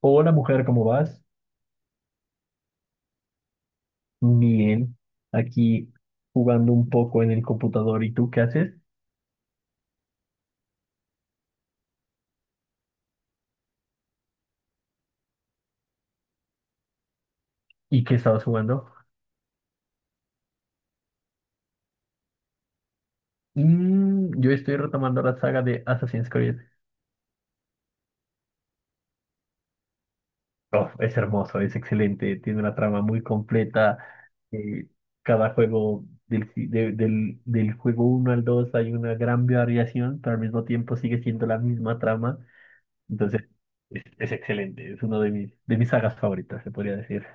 Hola mujer, ¿cómo vas? Bien, aquí jugando un poco en el computador. ¿Y tú qué haces? ¿Y qué estabas jugando? Yo estoy retomando la saga de Assassin's Creed. Oh, es hermoso, es excelente, tiene una trama muy completa. eh, Cada juego, del, si, de- del, del juego uno al 2 hay una gran variación, pero al mismo tiempo sigue siendo la misma trama. Entonces, es excelente, es uno de mis, sagas favoritas, se podría decir.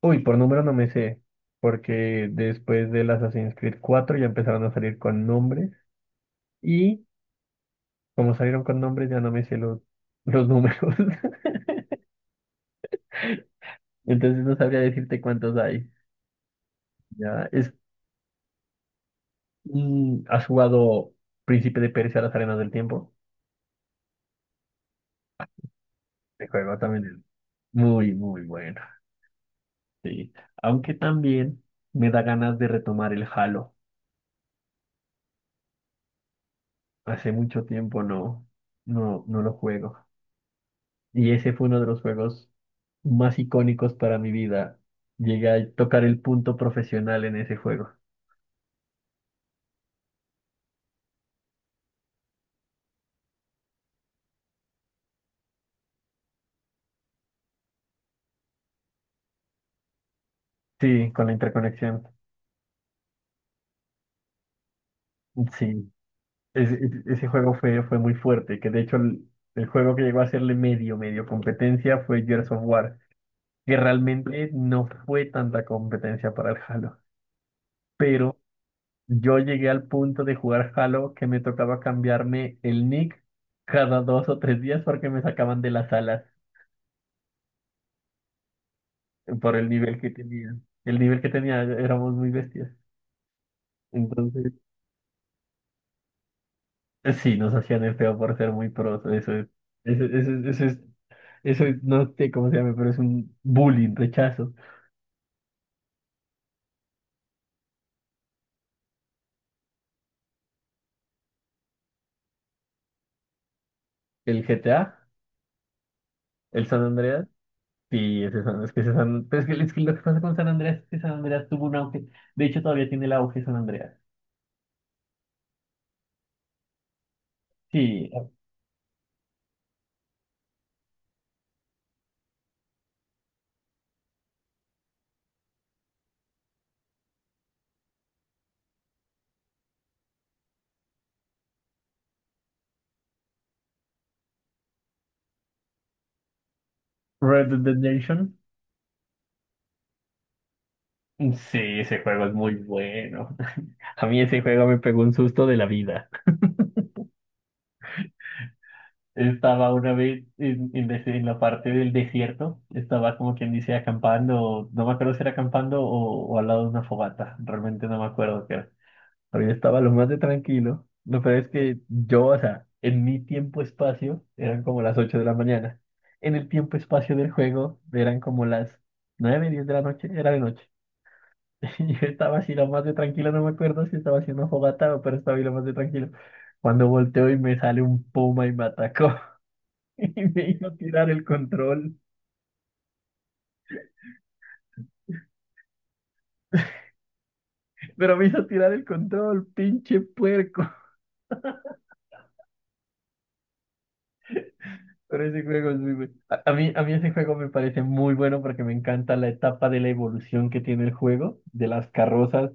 Uy, por número no me sé, porque después del Assassin's Creed 4 ya empezaron a salir con nombres y como salieron con nombres ya no me sé los números. Entonces no sabría decirte cuántos hay. Ya. ¿Has jugado Príncipe de Persia, las arenas del tiempo? El juego también es muy, muy bueno. Sí, aunque también me da ganas de retomar el Halo. Hace mucho tiempo no, no lo juego. Y ese fue uno de los juegos más icónicos para mi vida. Llegué a tocar el punto profesional en ese juego. Sí, con la interconexión. Sí, ese juego fue muy fuerte, que de hecho el juego que llegó a hacerle medio, medio competencia fue Gears of War, que realmente no fue tanta competencia para el Halo. Pero yo llegué al punto de jugar Halo que me tocaba cambiarme el nick cada 2 o 3 días porque me sacaban de las salas. Por el nivel que tenía. El nivel que tenía éramos muy bestias. Entonces, sí, nos hacían el feo por ser muy pros. Eso es, eso, eso, eso es, no sé cómo se llama, pero es un bullying, rechazo. El GTA, el San Andreas, sí, ese San- es que ese San, pero es que lo que pasa con San Andreas es que San Andreas tuvo un auge. De hecho, todavía tiene el auge San Andreas. Sí, Red Dead Redemption. Sí, ese juego es muy bueno. A mí ese juego me pegó un susto de la vida. Estaba una vez en la parte del desierto, estaba como quien dice acampando, no me acuerdo si era acampando o al lado de una fogata, realmente no me acuerdo qué era. Pero yo estaba lo más de tranquilo, lo peor es que yo, o sea, en mi tiempo-espacio eran como las 8 de la mañana, en el tiempo-espacio del juego eran como las 9 10 de la noche, era de noche. Y yo estaba así lo más de tranquilo, no me acuerdo si estaba haciendo fogata, o pero estaba ahí lo más de tranquilo. Cuando volteo y me sale un puma y me atacó. Y me hizo tirar el control. Pero me hizo tirar el control, pinche puerco. Pero ese juego es muy bueno. A mí ese juego me parece muy bueno porque me encanta la etapa de la evolución que tiene el juego, de las carrozas,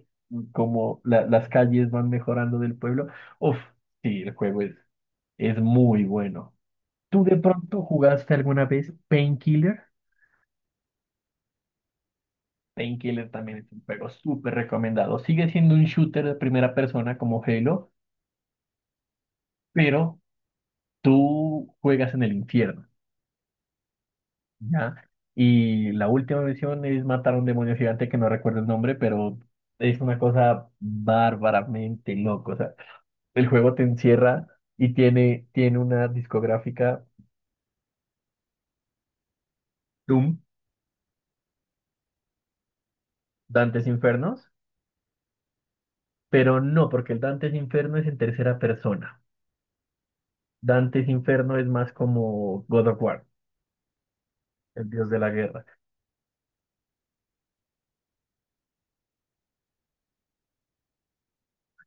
como las calles van mejorando del pueblo. Uf, sí, el juego es muy bueno. ¿Tú de pronto jugaste alguna vez Painkiller? Painkiller también es un juego súper recomendado. Sigue siendo un shooter de primera persona como Halo, pero tú juegas en el infierno, ¿ya? Y la última misión es matar a un demonio gigante que no recuerdo el nombre, pero es una cosa bárbaramente loco. O sea, el juego te encierra y tiene una discográfica Doom, Dantes Infernos, pero no, porque el Dantes Inferno es en tercera persona. Dantes Inferno es más como God of War, el dios de la guerra.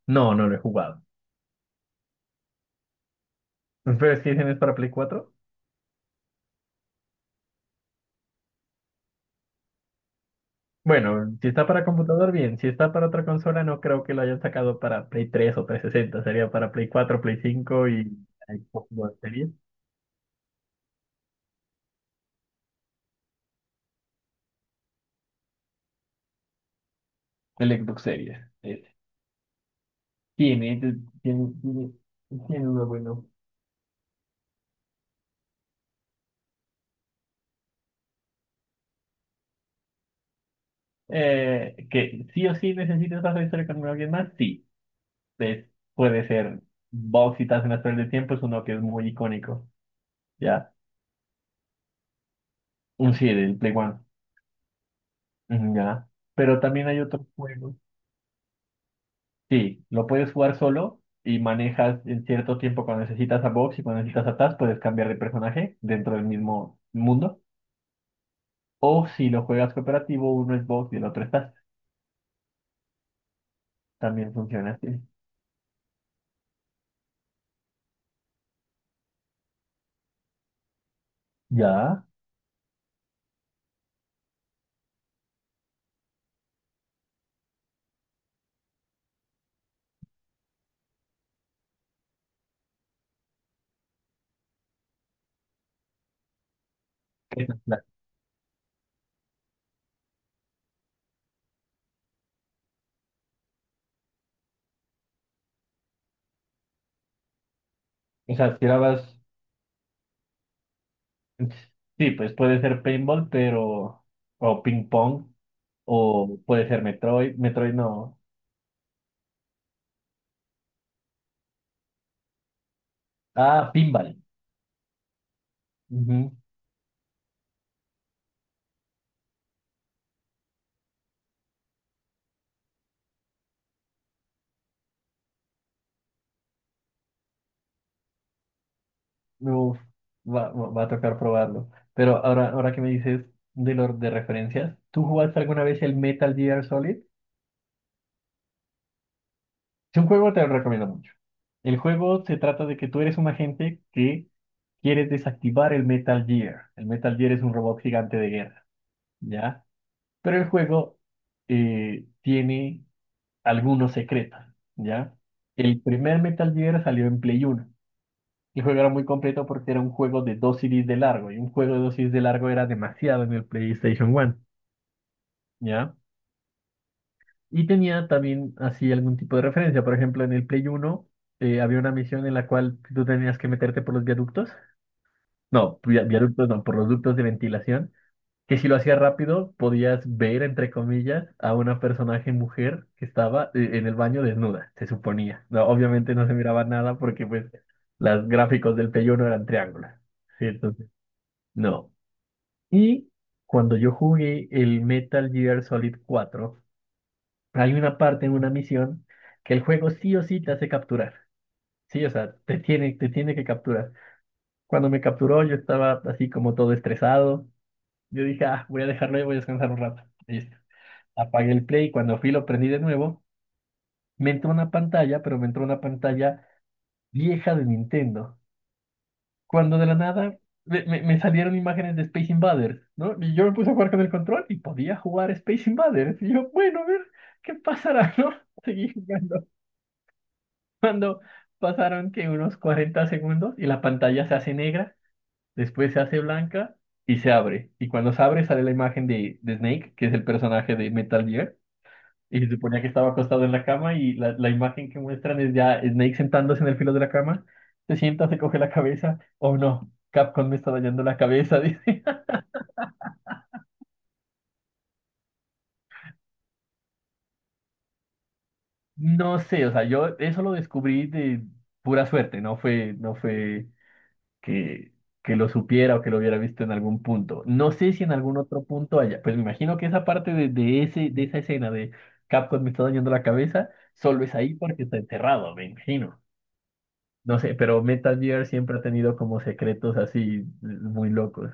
No, no lo he jugado. ¿Pero si es que dicen es para Play 4? Bueno, si está para computador, bien. Si está para otra consola, no creo que lo hayan sacado para Play 3 o 360. Sería para Play 4, Play 5 y el Xbox Series. El Xbox Series. Tiene, tiene, tiene, tiene uno bueno. Que sí o sí necesitas hacer historia con alguien más, sí. Es- Puede ser Box y Taz en la Torre del Tiempo, es uno que es muy icónico. Ya. Un sí, del Play One. Ujú, ya. Pero también hay otros juegos. Sí, lo puedes jugar solo y manejas en cierto tiempo cuando necesitas a Box y cuando necesitas a Taz, puedes cambiar de personaje dentro del mismo mundo. O si lo juegas cooperativo, uno es Box y el otro es Taz. También funciona así. Ya. O sea, tirabas. Sí, pues puede ser paintball, pero. O ping pong. O puede ser Metroid. Metroid no. Ah, pinball. Ujú. Uf, va a tocar probarlo. Pero ahora, que me dices de los de referencias, ¿tú jugaste alguna vez el Metal Gear Solid? Es un juego que te lo recomiendo mucho. El juego se trata de que tú eres un agente que quieres desactivar el Metal Gear. El Metal Gear es un robot gigante de guerra, ¿ya? Pero el juego tiene algunos secretos, ¿ya? El primer Metal Gear salió en Play 1. El juego era muy completo porque era un juego de 2 CDs de largo y un juego de 2 CDs de largo era demasiado en el PlayStation 1, ¿ya? Y tenía también así algún tipo de referencia. Por ejemplo, en el Play 1 había una misión en la cual tú tenías que meterte por los viaductos. No, viaductos no, por los ductos de ventilación. Que si lo hacías rápido, podías ver, entre comillas, a una personaje mujer que estaba en el baño desnuda, se suponía. No, obviamente no se miraba nada porque pues los gráficos del Play 1 eran triángulos. Sí, entonces, no. Y cuando yo jugué el Metal Gear Solid 4, hay una parte en una misión que el juego sí o sí te hace capturar. Sí, o sea, te tiene que capturar. Cuando me capturó, yo estaba así como todo estresado. Yo dije, ah, voy a dejarlo y voy a descansar un rato. Listo. Apagué el play. Cuando fui, lo prendí de nuevo. Me entró una pantalla, pero me entró una pantalla vieja de Nintendo, cuando de la nada me salieron imágenes de Space Invaders, ¿no? Y yo me puse a jugar con el control y podía jugar Space Invaders. Y yo, bueno, a ver, ¿qué pasará, no? Seguí jugando. Cuando pasaron que unos 40 segundos y la pantalla se hace negra, después se hace blanca y se abre. Y cuando se abre sale la imagen de, Snake, que es el personaje de Metal Gear y se suponía que estaba acostado en la cama y la imagen que muestran es ya Snake sentándose en el filo de la cama. Se sienta, se coge la cabeza. Oh no, Capcom me está dañando la cabeza, dice. No sé, o sea, yo eso lo descubrí de pura suerte, no fue que, que lo supiera o que lo hubiera visto en algún punto. No sé si en algún otro punto haya, pues me imagino que esa parte de esa escena de Capcom me está dañando la cabeza, solo es ahí porque está enterrado, me imagino. No sé, pero Metal Gear siempre ha tenido como secretos así muy locos.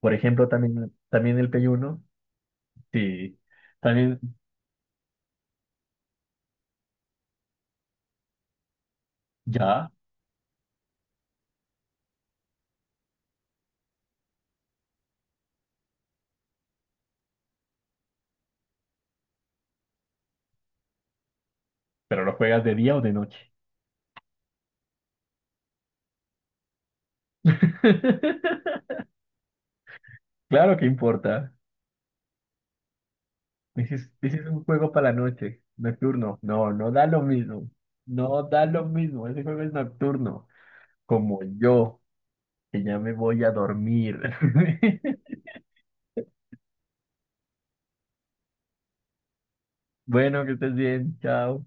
Por ejemplo, también el Play 1, sí, también ya, pero lo juegas de día o de noche. Claro que importa. Dices un juego para la noche, nocturno. No, no da lo mismo. No da lo mismo. Ese juego es nocturno. Como yo, que ya me voy a dormir. Bueno, que estés bien. Chao.